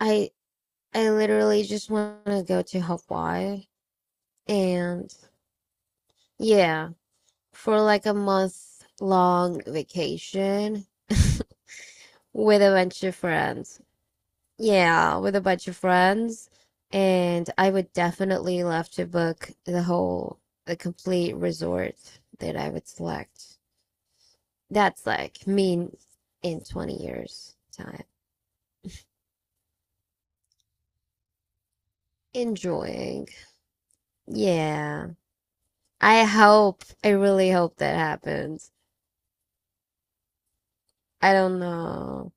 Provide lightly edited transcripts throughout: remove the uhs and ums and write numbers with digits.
I I literally just want to go to Hawaii and yeah, for like a month long vacation with a bunch of friends. Yeah, with a bunch of friends. And I would definitely love to book the complete resort that I would select. That's like me in 20 years' time. Enjoying. Yeah. I hope, I really hope that happens. I don't know.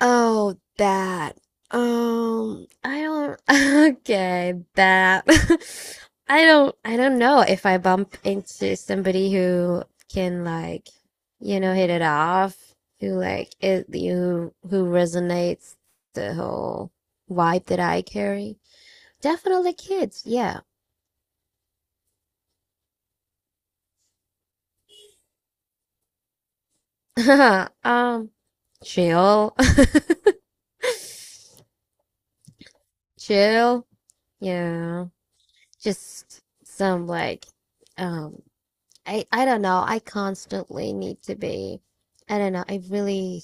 Oh, that. I don't. Okay, that. I don't. I don't know if I bump into somebody who can, like, hit it off, who like it, you who resonates the whole vibe that I carry. Definitely kids. Yeah. Um, chill, chill. Yeah, just some, like, um I don't know. I constantly need to be. I don't know. I really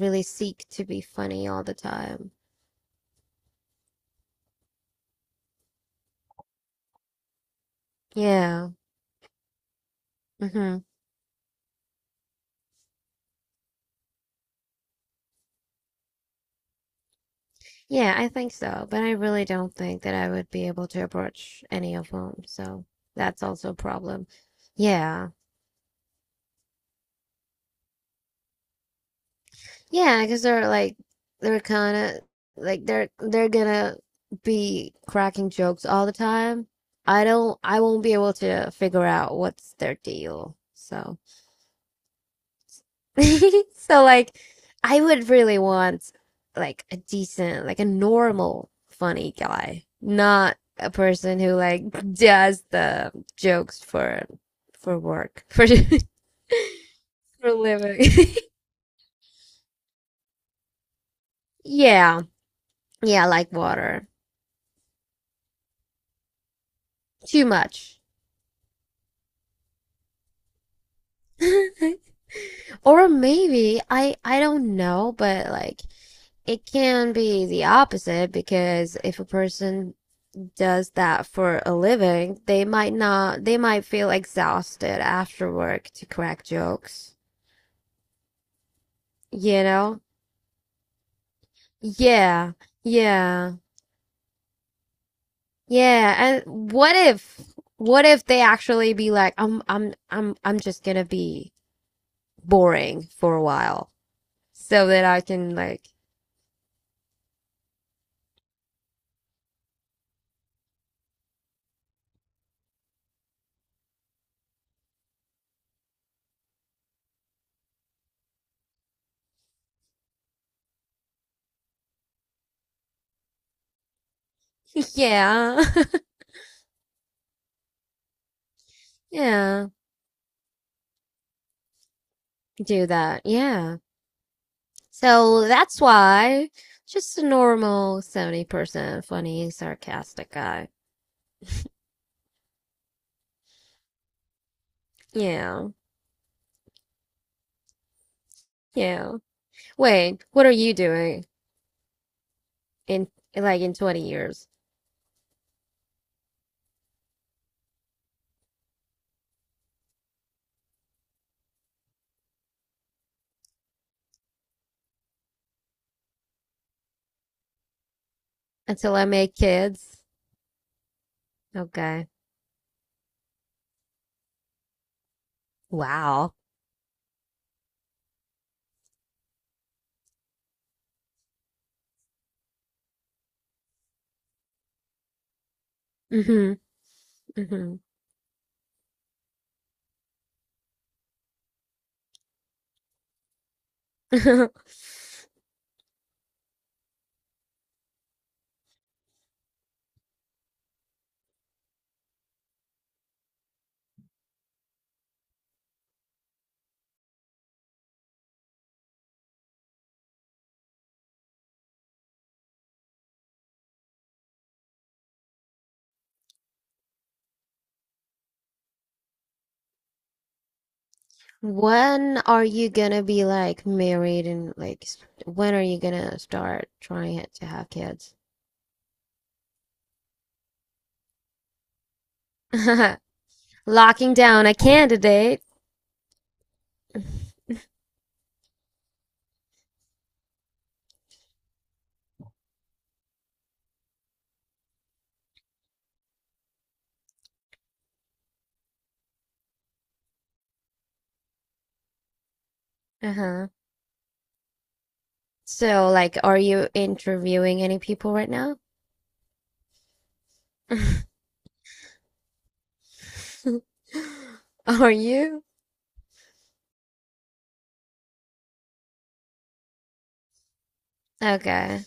seek to be funny all the time. Yeah. Hmm. Yeah, I think so. But I really don't think that I would be able to approach any of them. So that's also a problem. Yeah. Yeah, because they're kind of, like, they're gonna be cracking jokes all the time. I won't be able to figure out what's their deal. So so like I would really want, like, a decent, like a normal funny guy, not a person who like does the jokes for work, for living. Yeah. Yeah, like water. Too much. Or maybe I don't know, but like it can be the opposite because if a person does that for a living, they might not, they might feel exhausted after work to crack jokes. You know? Yeah. Yeah. Yeah. And what if they actually be like, I'm just gonna be boring for a while so that I can, like, yeah, yeah, do that. Yeah. So that's why just a normal 70% funny, sarcastic guy. Yeah. Yeah. Wait, what are you doing in like in 20 years? Until I make kids? Okay. Wow. Hmm. Hmm. When are you gonna be like married and when are you gonna start trying it to have kids? Locking down a candidate. Uh-huh. So like are you interviewing any people right now? Are you? Okay.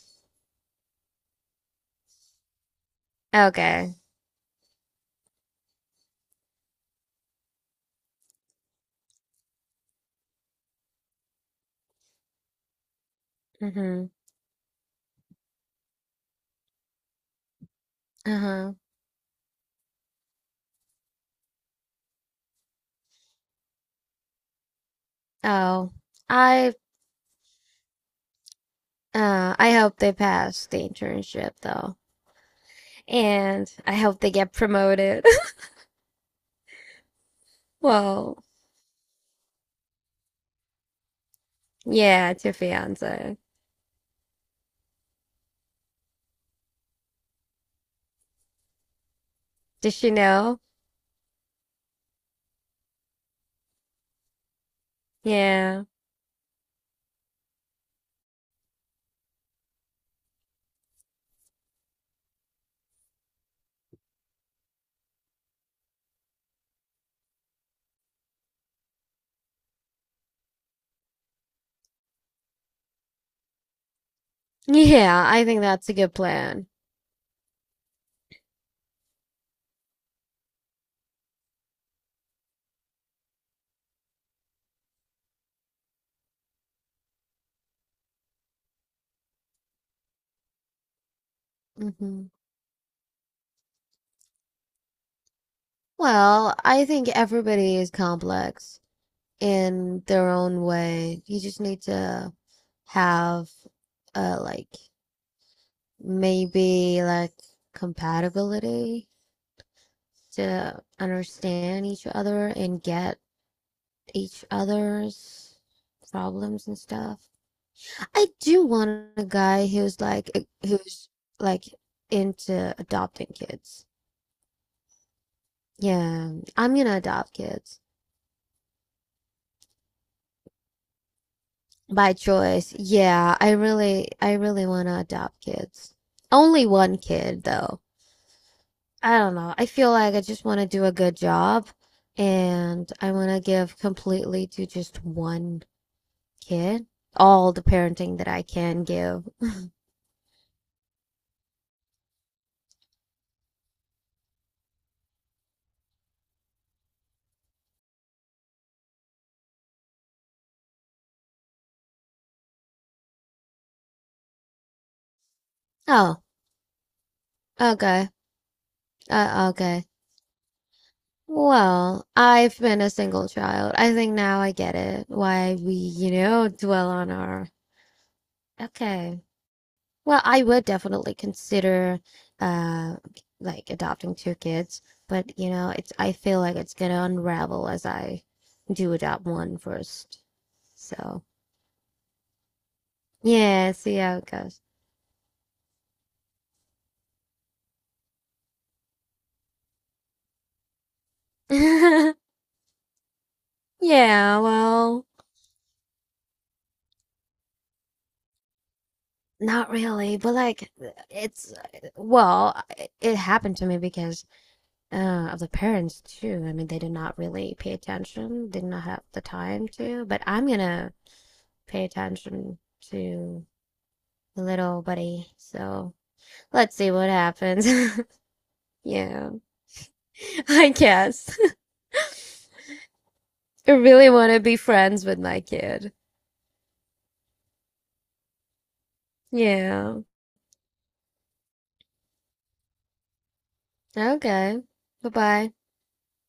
Okay. Mm-hmm. Uh-huh. Oh, I I hope they pass the internship though. And I hope they get promoted. Well, yeah, to fiance. Does she know? Yeah. Yeah, I think that's a good plan. Hmm. Well, I think everybody is complex in their own way. You just need to have like maybe like compatibility to understand each other and get each other's problems and stuff. I do want a guy who's like into adopting kids. Yeah, I'm gonna adopt kids. By choice. Yeah, I really want to adopt kids. Only one kid though. I don't know. I feel like I just want to do a good job and I want to give completely to just one kid all the parenting that I can give. Oh, okay. Okay. Well, I've been a single child. I think now I get it why we, you know, dwell on our. Okay. Well, I would definitely consider uh like adopting two kids, but you know, it's I feel like it's gonna unravel as I do adopt one first. So, yeah, see how it goes. Yeah, well, not really, but like it's well, it happened to me because of the parents too. I mean, they did not really pay attention, did not have the time to, but I'm gonna pay attention to little buddy. So let's see what happens. Yeah, I guess. I really want to be friends with my kid. Yeah. Okay. Bye bye.